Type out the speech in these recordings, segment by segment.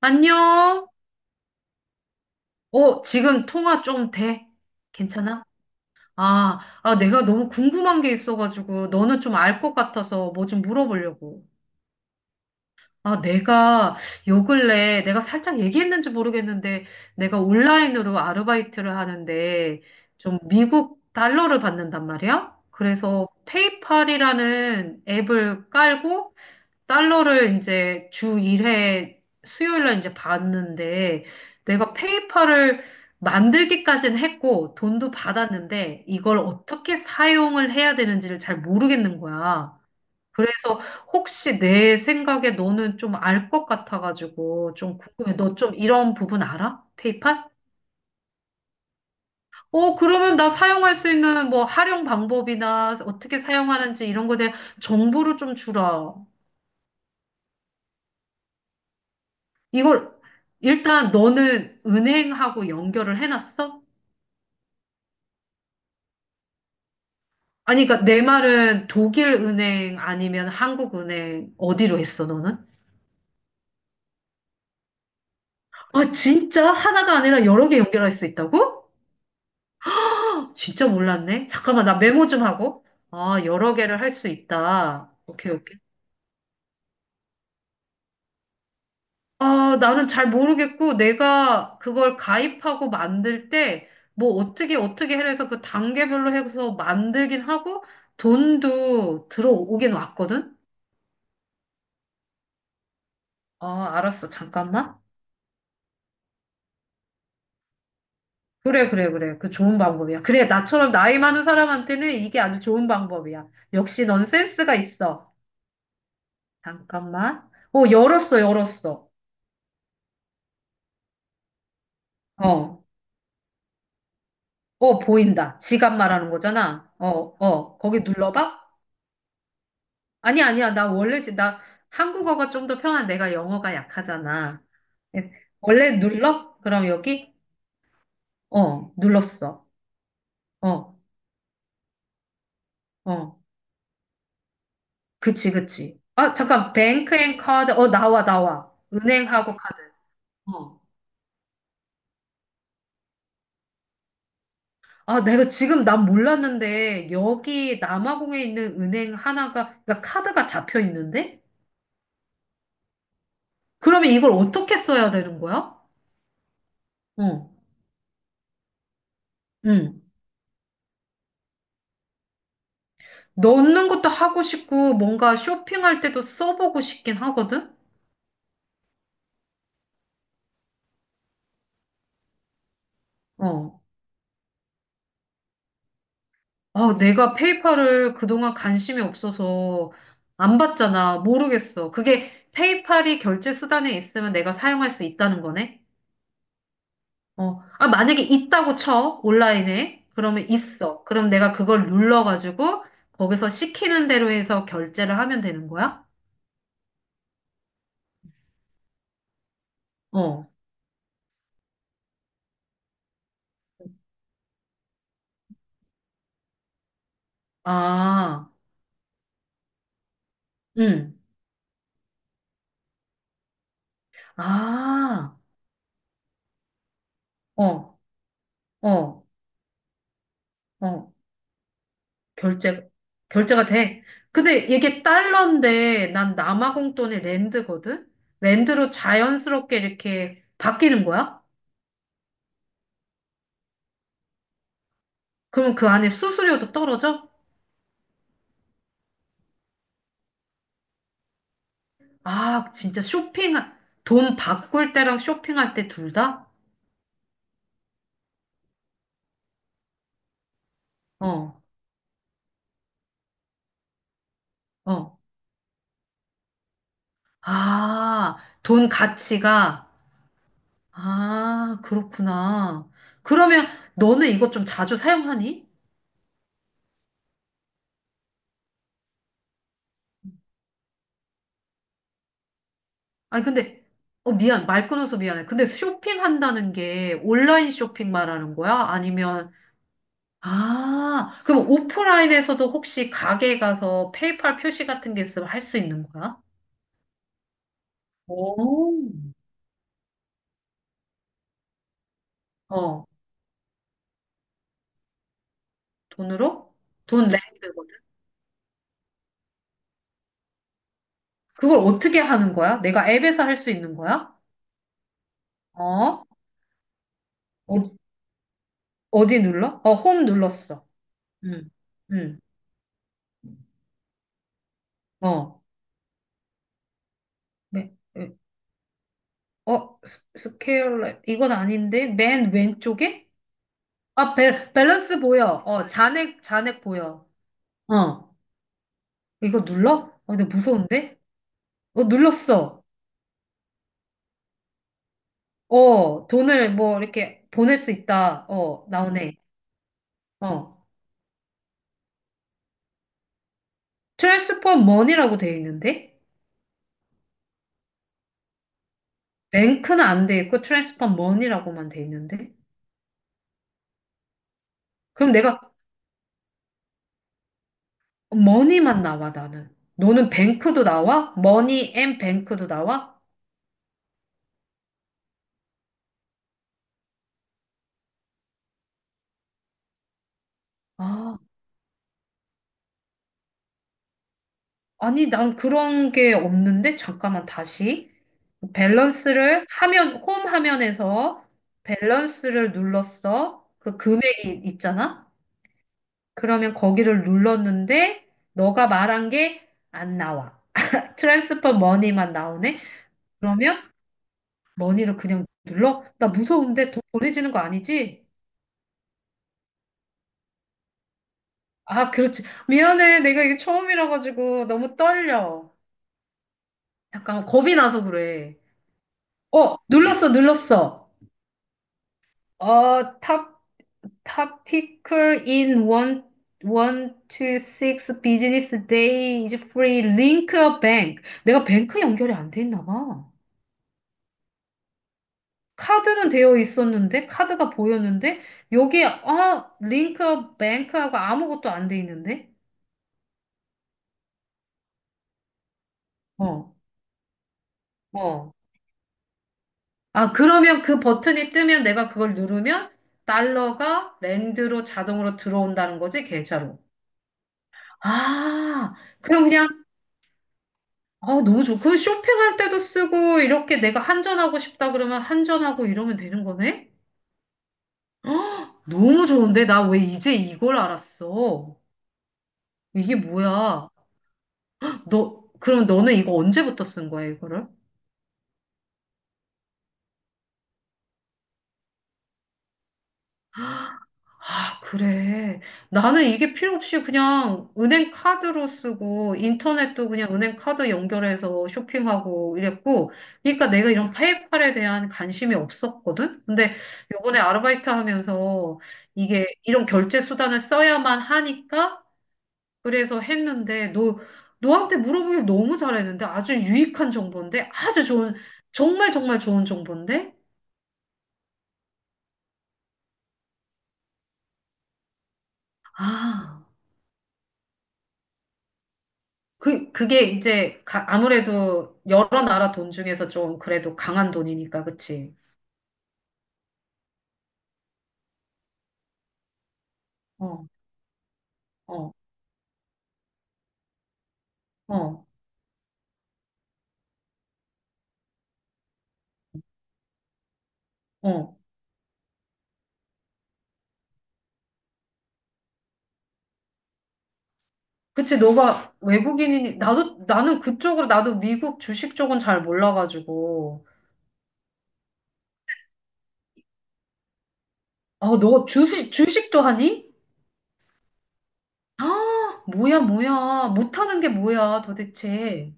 안녕? 어, 지금 통화 좀 돼? 괜찮아? 아, 내가 너무 궁금한 게 있어가지고, 너는 좀 알 것 같아서 뭐 좀 물어보려고. 아, 내가 요 근래, 내가 살짝 얘기했는지 모르겠는데, 내가 온라인으로 아르바이트를 하는데, 좀 미국 달러를 받는단 말이야? 그래서 페이팔이라는 앱을 깔고, 달러를 이제 주 1회 수요일 날 이제 받는데 내가 페이팔을 만들기까지는 했고 돈도 받았는데 이걸 어떻게 사용을 해야 되는지를 잘 모르겠는 거야. 그래서 혹시 내 생각에 너는 좀 알 것 같아가지고 좀 궁금해. 너 좀 이런 부분 알아? 페이팔? 어, 그러면 나 사용할 수 있는 뭐 활용 방법이나 어떻게 사용하는지 이런 거에 대한 정보를 좀 주라. 이걸 일단 너는 은행하고 연결을 해놨어? 아니, 그러니까 내 말은 독일 은행 아니면 한국 은행 어디로 했어, 너는? 아, 진짜? 하나가 아니라 여러 개 연결할 수 있다고? 아, 진짜 몰랐네. 잠깐만, 나 메모 좀 하고. 아, 여러 개를 할 수 있다. 오케이, 오케이. 아, 나는 잘 모르겠고, 내가 그걸 가입하고 만들 때, 뭐, 어떻게, 어떻게 해서 그 단계별로 해서 만들긴 하고, 돈도 들어오긴 왔거든? 아, 알았어. 잠깐만. 그래, 그래, 그래. 그 좋은 방법이야. 그래, 나처럼 나이 많은 사람한테는 이게 아주 좋은 방법이야. 역시 넌 센스가 있어. 잠깐만. 어, 열었어, 열었어. 어, 어, 보인다. 지갑 말하는 거잖아. 어, 어, 거기 눌러봐? 아니, 아니야. 나 원래, 나 한국어가 좀 더 편한 내가 영어가 약하잖아. 예, 원래 눌러? 그럼 여기? 어, 눌렀어. 어, 어. 그치, 그치. 아, 잠깐, 뱅크 앤 카드. 어, 나와, 나와. 은행하고 카드. 어. 아, 내가 지금 난 몰랐는데, 여기 남아공에 있는 은행 하나가, 그러니까 카드가 잡혀 있는데? 그러면 이걸 어떻게 써야 되는 거야? 어, 응. 넣는 것도 하고 싶고, 뭔가 쇼핑할 때도 써보고 싶긴 하거든? 어. 아, 내가 페이팔을 그동안 관심이 없어서 안 봤잖아. 모르겠어. 그게 페이팔이 결제 수단에 있으면 내가 사용할 수 있다는 거네? 어, 아, 만약에 있다고 쳐, 온라인에. 그러면 있어. 그럼 내가 그걸 눌러가지고, 거기서 시키는 대로 해서 결제를 하면 되는 거야? 어, 아, 응, 아, 어, 어, 어, 결제, 결제가 돼. 근데 이게 달러인데, 난 남아공돈이 랜드거든? 랜드로 자연스럽게 이렇게 바뀌는 거야? 그러면 그 안에 수수료도 떨어져? 아, 진짜 쇼핑, 돈 바꿀 때랑 쇼핑할 때 둘 다? 어, 어. 아, 돈 가치가, 아, 그렇구나. 그러면 너는 이거 좀 자주 사용하니? 아니, 근데, 어, 미안, 말 끊어서 미안해. 근데 쇼핑한다는 게 온라인 쇼핑 말하는 거야? 아니면, 아, 그럼 오프라인에서도 혹시 가게 가서 페이팔 표시 같은 게 있으면 할 수 있는 거야? 오. 어, 돈으로? 돈 렌트거든? 그걸 어떻게 하는 거야? 내가 앱에서 할 수 있는 거야? 어? 어디 어디 눌러? 어, 홈 눌렀어. 응, 응, 어. 매, 어, 스케일러, 이건 아닌데? 맨 왼쪽에? 아, 밸런스 보여. 어, 잔액, 잔액 보여. 어, 이거 눌러? 어, 근데 무서운데? 어, 눌렀어. 어, 돈을 뭐 이렇게 보낼 수 있다. 어, 나오네. 어. 트랜스퍼 머니라고 돼 있는데? 뱅크는 안 돼 있고 트랜스퍼 머니라고만 돼 있는데? 그럼 내가 머니만 나와, 나는. 너는 뱅크도 나와? 머니 앤 뱅크도 나와? 아, 아니, 난 그런 게 없는데? 잠깐만, 다시. 밸런스를 화면, 홈 화면에서 밸런스를 눌렀어. 그 금액이 있잖아? 그러면 거기를 눌렀는데, 너가 말한 게 안 나와. 트랜스퍼 머니만 나오네? 그러면 머니를 그냥 눌러? 나 무서운데 돈 보내지는 거 아니지? 아, 그렇지. 미안해. 내가 이게 처음이라 가지고 너무 떨려. 약간 겁이 나서 그래. 어, 눌렀어, 눌렀어. 어, topical in one, one to six business day is free. Link a bank. 내가 뱅크 연결이 안 돼 있나 봐. 카드는 되어 있었는데, 카드가 보였는데, 여기에, 어, 링크 뱅크하고 아무것도 안 돼 있는데? 어, 어. 아, 그러면 그 버튼이 뜨면 내가 그걸 누르면 달러가 랜드로 자동으로 들어온다는 거지, 계좌로. 아, 그럼 그냥, 아, 너무 좋고. 그럼 쇼핑할 때도 쓰고, 이렇게 내가 한전하고 싶다 그러면 한전하고 이러면 되는 거네? 너무 좋은데? 나 왜 이제 이걸 알았어? 이게 뭐야? 너, 그럼 너는 이거 언제부터 쓴 거야, 이거를? 아, 그래. 나는 이게 필요 없이 그냥 은행 카드로 쓰고 인터넷도 그냥 은행 카드 연결해서 쇼핑하고 이랬고, 그러니까 내가 이런 페이팔에 대한 관심이 없었거든? 근데 요번에 아르바이트 하면서 이게 이런 결제 수단을 써야만 하니까 그래서 했는데 너, 너한테 물어보길 너무 잘했는데 아주 유익한 정보인데 아주 좋은, 정말 정말 좋은 정보인데? 아. 그게 이제 가- 아무래도 여러 나라 돈 중에서 좀 그래도 강한 돈이니까, 그치? 어, 어, 어, 어. 그치, 너가 외국인이니, 나도, 나는 그쪽으로, 나도 미국 주식 쪽은 잘 몰라가지고. 아, 너 주식, 주식도 하니? 아, 뭐야, 뭐야. 못하는 게 뭐야, 도대체.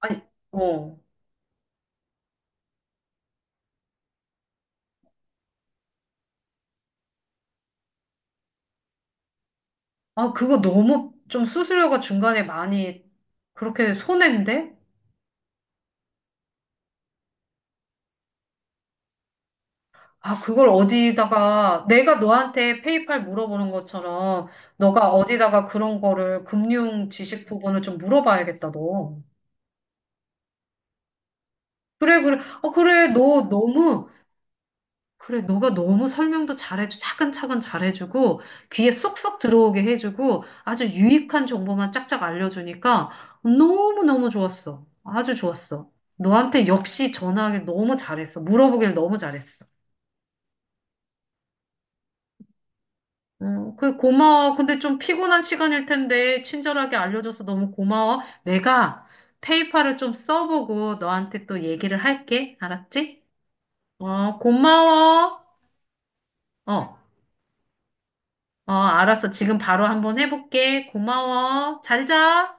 아니, 어. 아, 그거 너무 좀 수수료가 중간에 많이 그렇게 손해인데? 아, 그걸 어디다가 내가 너한테 페이팔 물어보는 것처럼 너가 어디다가 그런 거를 금융 지식 부분을 좀 물어봐야겠다, 너. 그래, 그래. 어, 그래. 너 너무 그래. 너가 너무 설명도 잘해주, 차근차근 잘해주고 귀에 쏙쏙 들어오게 해주고 아주 유익한 정보만 짝짝 알려주니까 너무너무 좋았어. 아주 좋았어. 너한테 역시 전화하길 너무 잘했어. 물어보길 너무 잘했어. 어, 그래, 고마워. 근데 좀 피곤한 시간일 텐데, 친절하게 알려줘서 너무 고마워. 내가 페이팔을 좀 써보고 너한테 또 얘기를 할게. 알았지? 어, 고마워. 어, 어, 알았어. 지금 바로 한번 해볼게. 고마워. 잘 자.